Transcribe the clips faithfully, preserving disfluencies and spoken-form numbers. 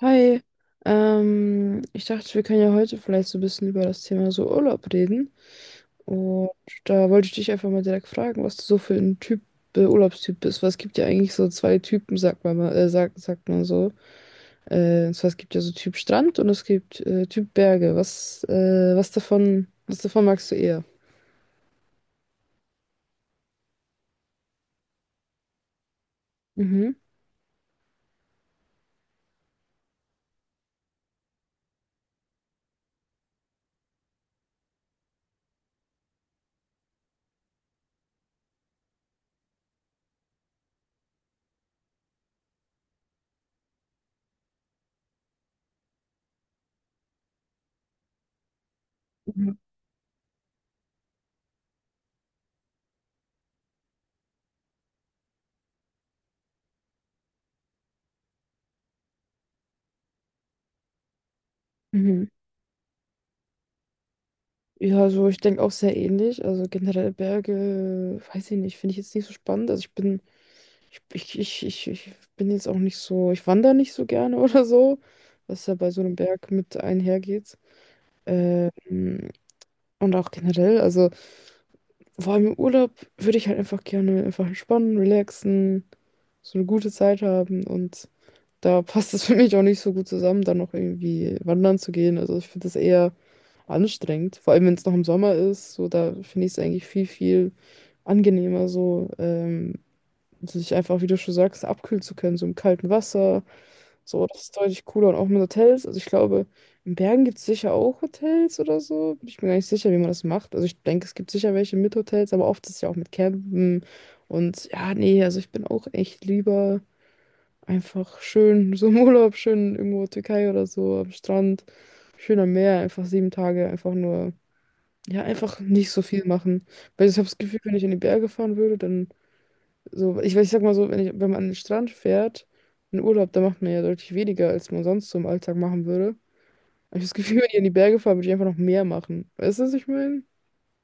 Hi, ähm, ich dachte, wir können ja heute vielleicht so ein bisschen über das Thema so Urlaub reden. Und da wollte ich dich einfach mal direkt fragen, was du so für ein Typ, äh, Urlaubstyp bist. Weil es gibt ja eigentlich so zwei Typen, sagt man mal, äh, sagt, sagt man so. Äh, und zwar es gibt ja so Typ Strand und es gibt äh, Typ Berge. Was, äh, was davon, was davon magst du eher? Mhm. Mhm. Mhm. Ja, also ich denke auch sehr ähnlich. Also generell Berge, weiß ich nicht, finde ich jetzt nicht so spannend. Also ich bin Ich, ich, ich, ich bin jetzt auch nicht so, ich wandere nicht so gerne oder so, was ja bei so einem Berg mit einhergeht. Ähm, und auch generell, also vor allem im Urlaub würde ich halt einfach gerne einfach entspannen, relaxen, so eine gute Zeit haben und da passt es für mich auch nicht so gut zusammen, dann noch irgendwie wandern zu gehen. Also ich finde das eher anstrengend, vor allem wenn es noch im Sommer ist, so da finde ich es eigentlich viel, viel angenehmer so. Ähm, und sich einfach, wie du schon sagst, abkühlen zu können, so im kalten Wasser. So, das ist deutlich cooler. Und auch mit Hotels. Also ich glaube, in Bergen gibt es sicher auch Hotels oder so. Bin ich mir gar nicht sicher, wie man das macht. Also ich denke, es gibt sicher welche mit Hotels, aber oft ist es ja auch mit Campen. Und ja, nee, also ich bin auch echt lieber einfach schön, so im Urlaub, schön irgendwo Türkei oder so, am Strand, schön am Meer, einfach sieben Tage, einfach nur, ja, einfach nicht so viel machen. Weil ich habe das Gefühl, wenn ich in die Berge fahren würde, dann so, ich, ich sag mal so, wenn ich, wenn man an den Strand fährt, in Urlaub, da macht man ja deutlich weniger, als man sonst so im Alltag machen würde. Aber ich habe das Gefühl, wenn ich in die Berge fahre, würde ich einfach noch mehr machen. Weißt du, was ich meine?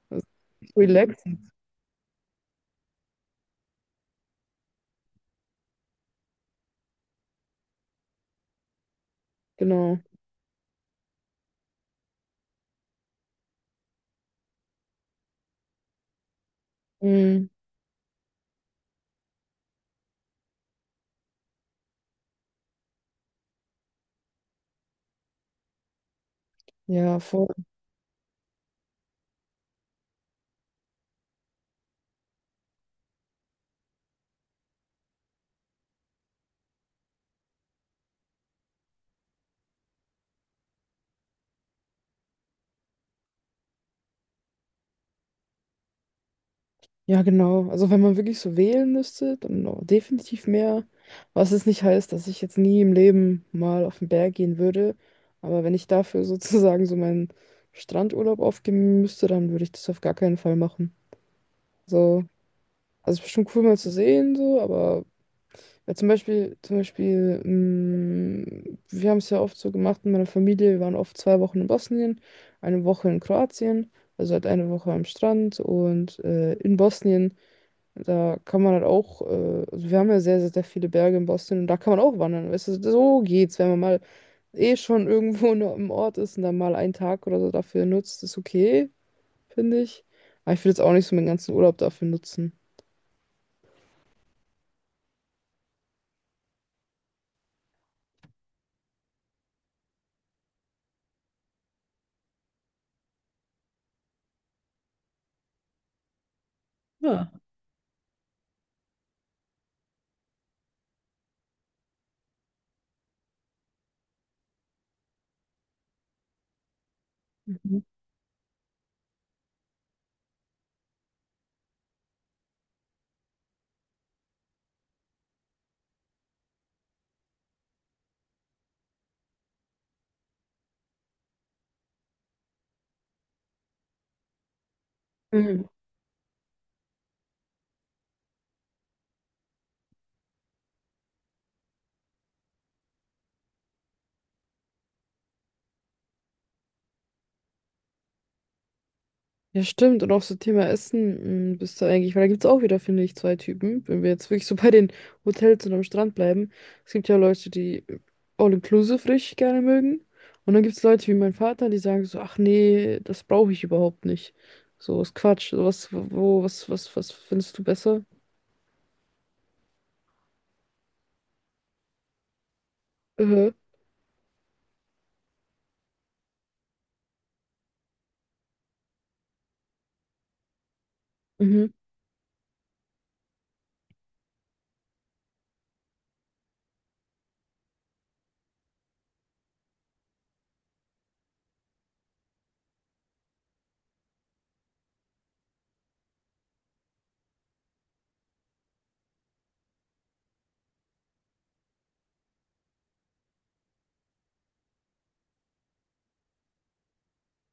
Also, relaxen, genau. Mhm. Ja, voll. Ja, genau. Also wenn man wirklich so wählen müsste, dann noch definitiv mehr. Was es nicht heißt, dass ich jetzt nie im Leben mal auf den Berg gehen würde. Aber wenn ich dafür sozusagen so meinen Strandurlaub aufgeben müsste, dann würde ich das auf gar keinen Fall machen. So. Also bestimmt cool mal zu sehen, so, aber ja, zum Beispiel, zum Beispiel, mm, wir haben es ja oft so gemacht in meiner Familie, wir waren oft zwei Wochen in Bosnien, eine Woche in Kroatien, also halt eine Woche am Strand und äh, in Bosnien, da kann man halt auch, äh, also wir haben ja sehr, sehr, sehr viele Berge in Bosnien und da kann man auch wandern, weißt du, so so geht's, wenn man mal eh schon irgendwo nur im Ort ist und dann mal einen Tag oder so dafür nutzt, ist okay, finde ich. Aber ich will jetzt auch nicht so meinen ganzen Urlaub dafür nutzen. Ja. Ja, stimmt. Und auch so Thema Essen, mh, bist du eigentlich, weil da gibt es auch wieder, finde ich, zwei Typen. Wenn wir jetzt wirklich so bei den Hotels und am Strand bleiben. Es gibt ja Leute, die All-Inclusive richtig gerne mögen. Und dann gibt es Leute wie mein Vater, die sagen so, ach nee, das brauche ich überhaupt nicht. So, ist Quatsch. So, was, wo, was, was, was findest du besser? Mhm. Mhm.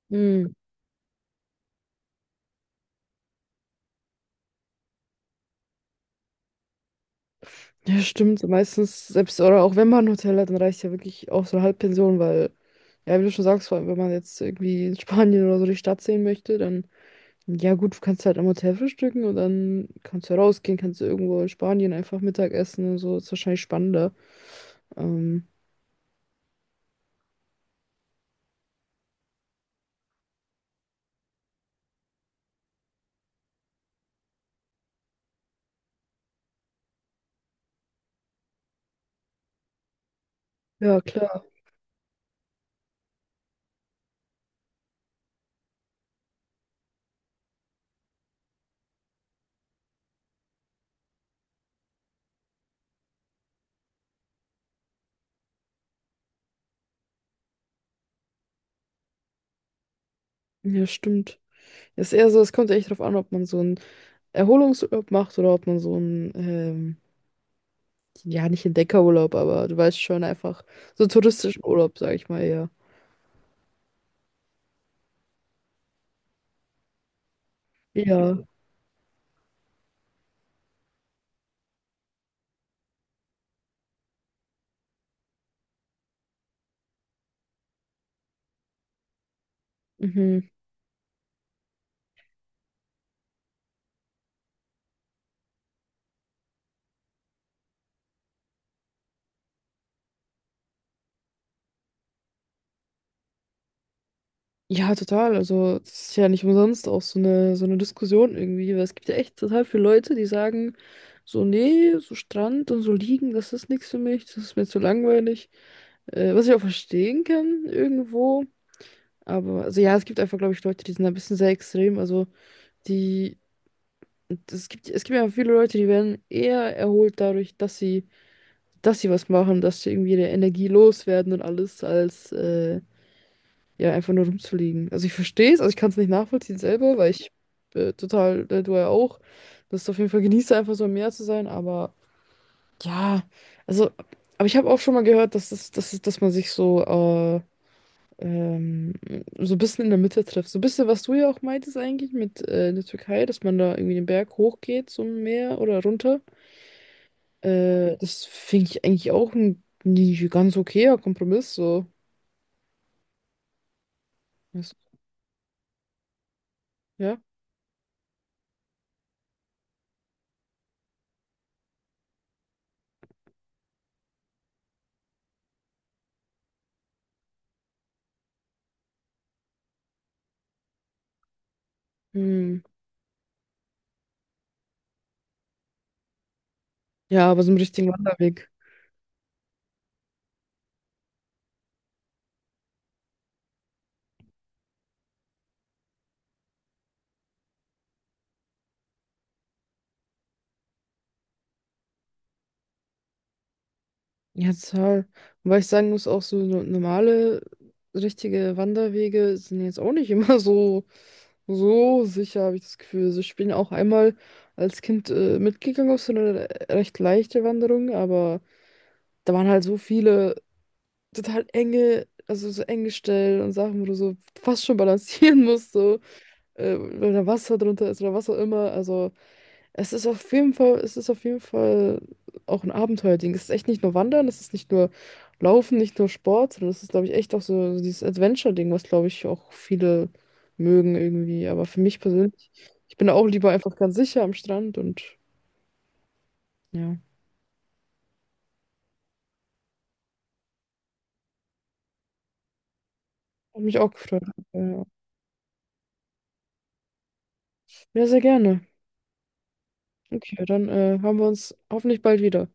Mhm. Ja, stimmt. So Meistens, selbst oder auch wenn man ein Hotel hat, dann reicht ja wirklich auch so eine Halbpension, weil, ja, wie du schon sagst, vor allem, wenn man jetzt irgendwie in Spanien oder so die Stadt sehen möchte, dann ja gut, du kannst halt am Hotel frühstücken und dann kannst du rausgehen, kannst du irgendwo in Spanien einfach Mittag essen und so. Ist wahrscheinlich spannender. Ähm, ja, klar. Ja, stimmt. Ist eher so, es kommt echt drauf an, ob man so einen Erholungsurlaub macht oder ob man so einen, ähm, ja, nicht Entdeckerurlaub, aber du weißt schon, einfach so touristischen Urlaub, sag ich mal, ja. Ja. Mhm. Ja, total. Also, das ist ja nicht umsonst auch so eine, so eine Diskussion irgendwie, weil es gibt ja echt total viele Leute, die sagen, so, nee, so Strand und so liegen, das ist nichts für mich, das ist mir zu langweilig. Äh, was ich auch verstehen kann irgendwo. Aber, also ja, es gibt einfach, glaube ich, Leute, die sind ein bisschen sehr extrem. Also, die, es gibt, es gibt ja viele Leute, die werden eher erholt dadurch, dass sie, dass sie was machen, dass sie irgendwie ihre Energie loswerden und alles, als, äh, Ja, einfach nur rumzuliegen. Also ich verstehe es, also ich kann es nicht nachvollziehen selber, weil ich äh, total, äh, du ja auch, das auf jeden Fall genieße einfach so im Meer zu sein, aber ja, also, aber ich habe auch schon mal gehört, dass das, dass, es- dass man sich so, äh, ähm, so ein bisschen in der Mitte trifft. So ein bisschen, was du ja auch meintest eigentlich mit äh, in der Türkei, dass man da irgendwie den Berg hochgeht zum Meer oder runter. Äh, das finde ich eigentlich auch ein, ein ganz okayer Kompromiss, so. Weißt du? Ja. Hm. Ja, aber so einen richtigen Wanderweg. Ja, total. Und weil ich sagen muss, auch so no- normale, richtige Wanderwege sind jetzt auch nicht immer so, so, sicher, habe ich das Gefühl. Also ich bin auch einmal als Kind äh, mitgegangen auf so eine recht leichte Wanderung, aber da waren halt so viele total enge, also so enge Stellen und Sachen, wo du so fast schon balancieren musst, so, äh, wenn da Wasser drunter ist oder was auch immer. Also. Es ist auf jeden Fall, es ist auf jeden Fall auch ein Abenteuerding. Es ist echt nicht nur Wandern, es ist nicht nur Laufen, nicht nur Sport, sondern es ist, glaube ich, echt auch so dieses Adventure-Ding, was, glaube ich, auch viele mögen irgendwie. Aber für mich persönlich, ich bin da auch lieber einfach ganz sicher am Strand und ja, hat mich auch gefreut. Ja, ja, ja, sehr gerne. Okay, dann äh, haben wir uns hoffentlich bald wieder.